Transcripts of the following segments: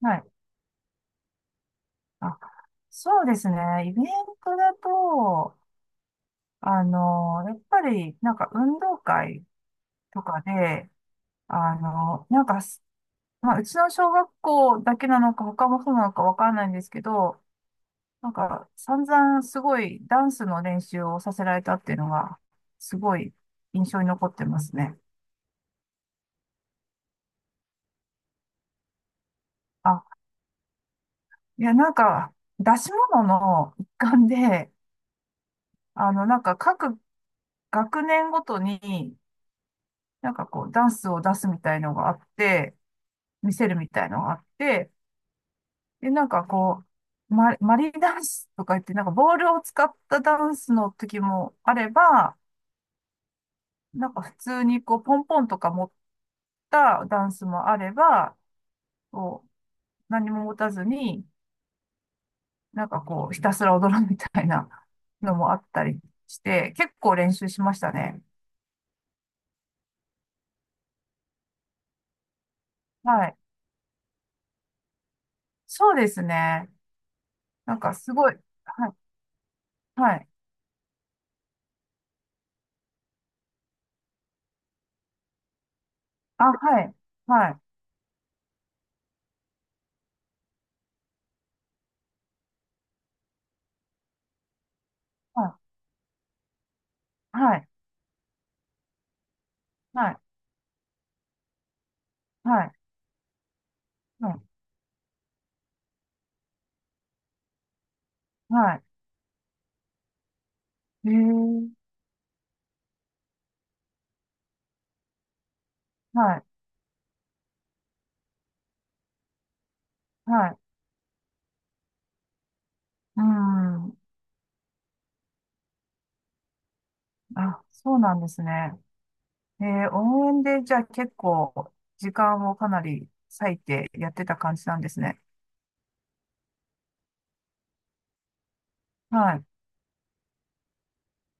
はい。あ、そうですね。イベントだと、あの、やっぱり、なんか運動会とかで、あの、なんかす、まあ、うちの小学校だけなのか、他もそうなのかわからないんですけど、散々すごいダンスの練習をさせられたっていうのが、すごい印象に残ってますね。あ、いや、なんか、出し物の一環で、各学年ごとに、ダンスを出すみたいのがあって、見せるみたいのがあって、で、マリーダンスとか言って、ボールを使ったダンスの時もあれば、なんか普通にこう、ポンポンとか持ったダンスもあれば、こう、何も持たずに、ひたすら踊るみたいなのもあったりして、結構練習しましたね。はい。そうですね。なんかすごい、はい、はい。あ、はい、はい。はい、はい、はい、はい、はい、はい。へえ、はい、はい。うん。あ、そうなんですね。えー、応援で、じゃあ結構、時間をかなり割いてやってた感じなんですね。はい。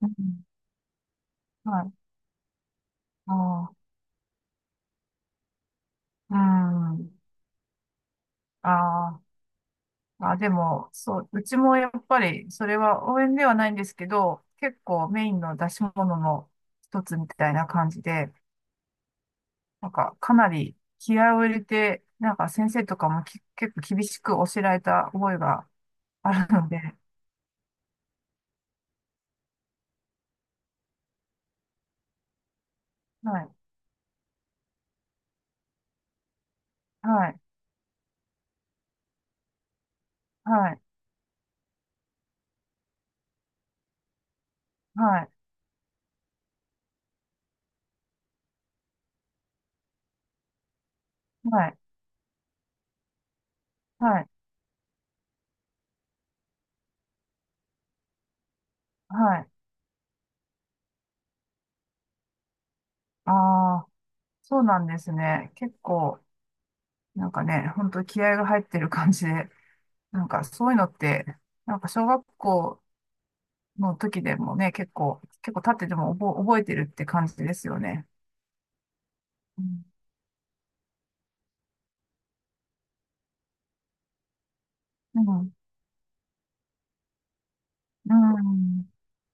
うん、はい。ああ、うん。あー、あ、でも、そう、うちもやっぱり、それは応援ではないんですけど、結構メインの出し物の一つみたいな感じで、かなり気合を入れて、先生とかもき結構厳しく教えられた覚えがあるので、はい、はい、はい、はい、はい、はい、はい。ああ、そうなんですね。結構、本当気合が入ってる感じで、そういうのって、小学校の時でもね、結構経ってても覚えてるって感じですよね。うん、うん、うん、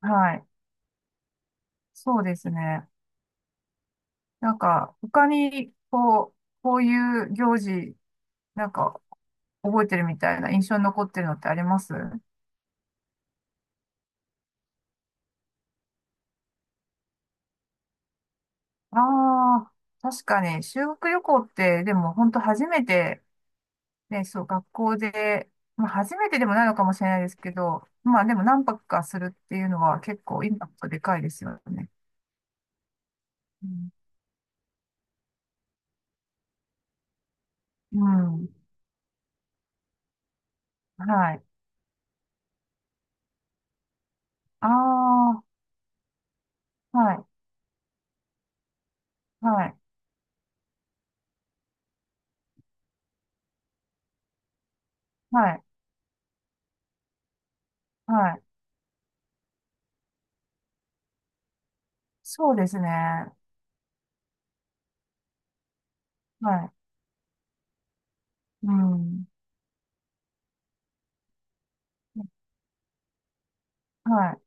はい、そうですね。なんか、他に、こう、こういう行事、なんか、覚えてるみたいな印象に残ってるのってありますああ、確かに、修学旅行って、でも、本当初めて、ね、そう、学校で、まあ、初めてでもないのかもしれないですけど、まあ、でも、何泊かするっていうのは、結構、インパクトでかいですよね。うん。うん、はい。ああ、はい、はい、はい、はい。そうですね。はい。うん。はい。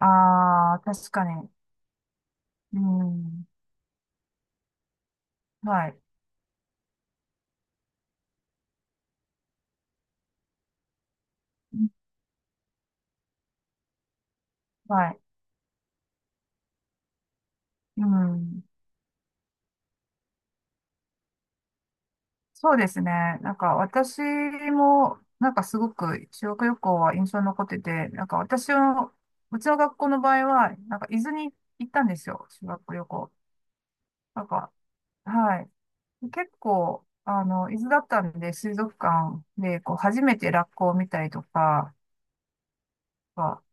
ああ、確かに。うん。はい。うん、はい。うん。そうですね。なんか私も、なんかすごく修学旅行は印象に残ってて、なんか私の、うちの学校の場合は、なんか伊豆に行ったんですよ。修学旅行。なんか、はい。結構、あの、伊豆だったんで、水族館で、こう、初めてラッコを見たりとか、なんか、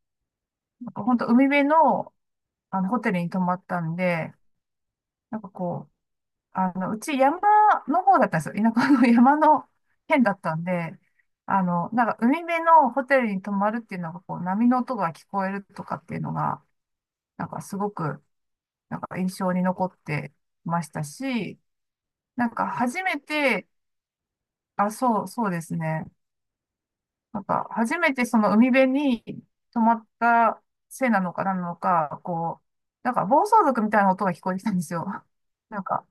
なんか本当海辺の、あの、ホテルに泊まったんで、なんかこう、うち山の方だったんですよ。田舎の 山の県だったんで、海辺のホテルに泊まるっていうのが、こう、波の音が聞こえるとかっていうのが、なんかすごく印象に残ってましたし、なんか初めて、あ、そう、そうですね。なんか初めてその海辺に泊まったせいなのか何なのか、こう、暴走族みたいな音が聞こえてきたんですよ。なんか、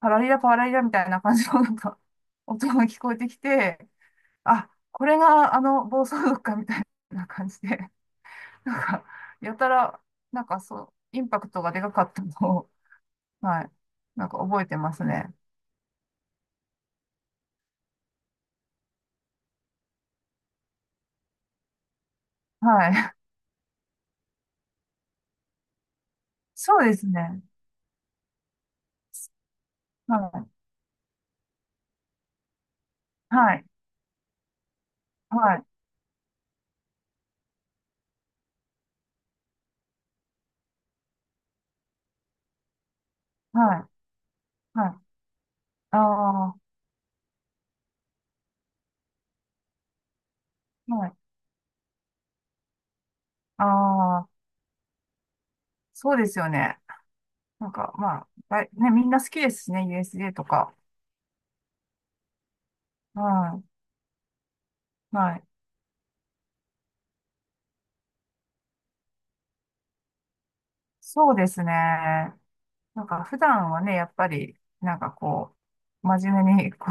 パラリラパラリラみたいな感じのなんか 音が聞こえてきて、あ、これがあの暴走族かみたいな感じで、なんか、やたら、なんかそう、インパクトがでかかったのを、はい、なんか覚えてますね。はい。そうですね。はい。はい。はい。はい。はい。ああ、はい。ああ、そうですよね。なんか、まあ、だいね、みんな好きですしね、USJ とか。はい。はい。そうですね。なんか普段はね、やっぱり、なんかこう、真面目に、こ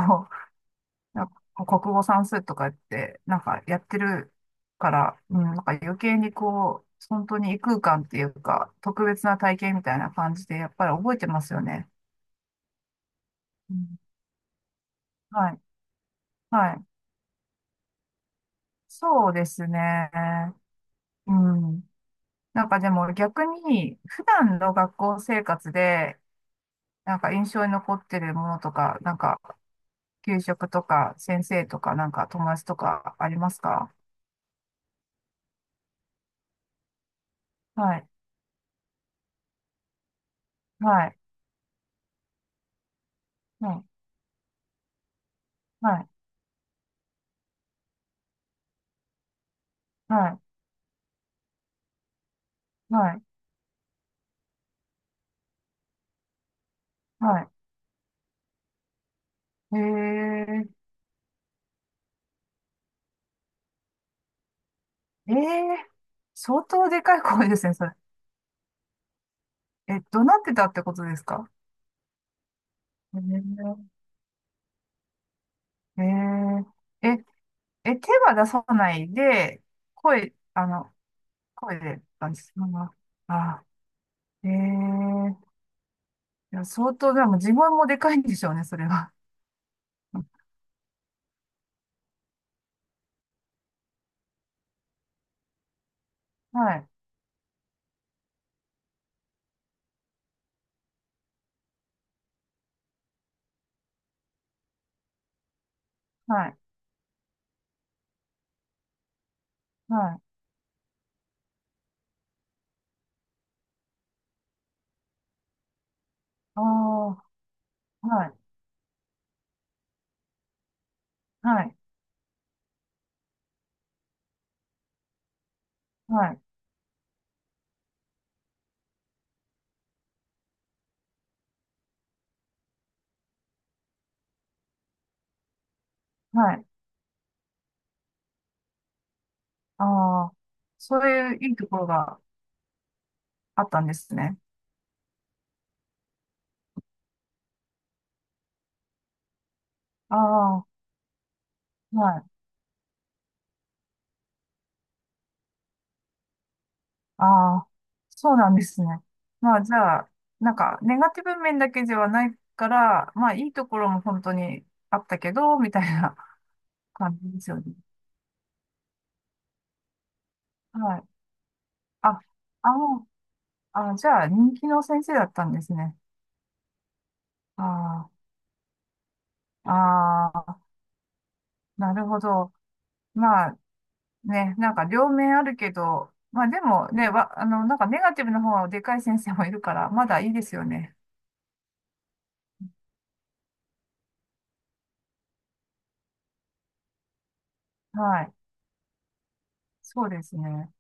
う、なんか国語算数とかやって、なんかやってるから、うん、なんか余計にこう、本当に異空間っていうか、特別な体験みたいな感じで、やっぱり覚えてますよね。うん、はい。はい。そうですね。うん。なんかでも逆に、普段の学校生活で、なんか印象に残ってるものとか、なんか給食とか、先生とか、なんか友達とかありますか？はい、はい、はい、はい、はい、はい、はい。えー、えー、相当でかい声ですね、それ。え、怒鳴ってたってことですか？えー、えー、え、え、手は出さないで、声、あの、声で、あ、そのまま、あ、えー、いや、相当、でも自分もでかいんでしょうね、それは。はい、はい、はい、ああ、はい。はい、はい。はい。ああ、そういういいところがあったんですね。ああ、はい。ああ、そうなんですね。まあ、じゃあ、なんか、ネガティブ面だけではないから、まあ、いいところも本当にあったけど、みたいな 感じですよね。はい。あ、あの、あ、じゃあ、人気の先生だったんですね。ああ、ああ、なるほど。まあ、ね、なんか両面あるけど、まあでもね、わ、あの、なんかネガティブの方はでかい先生もいるから、まだいいですよね。はい。そうですね。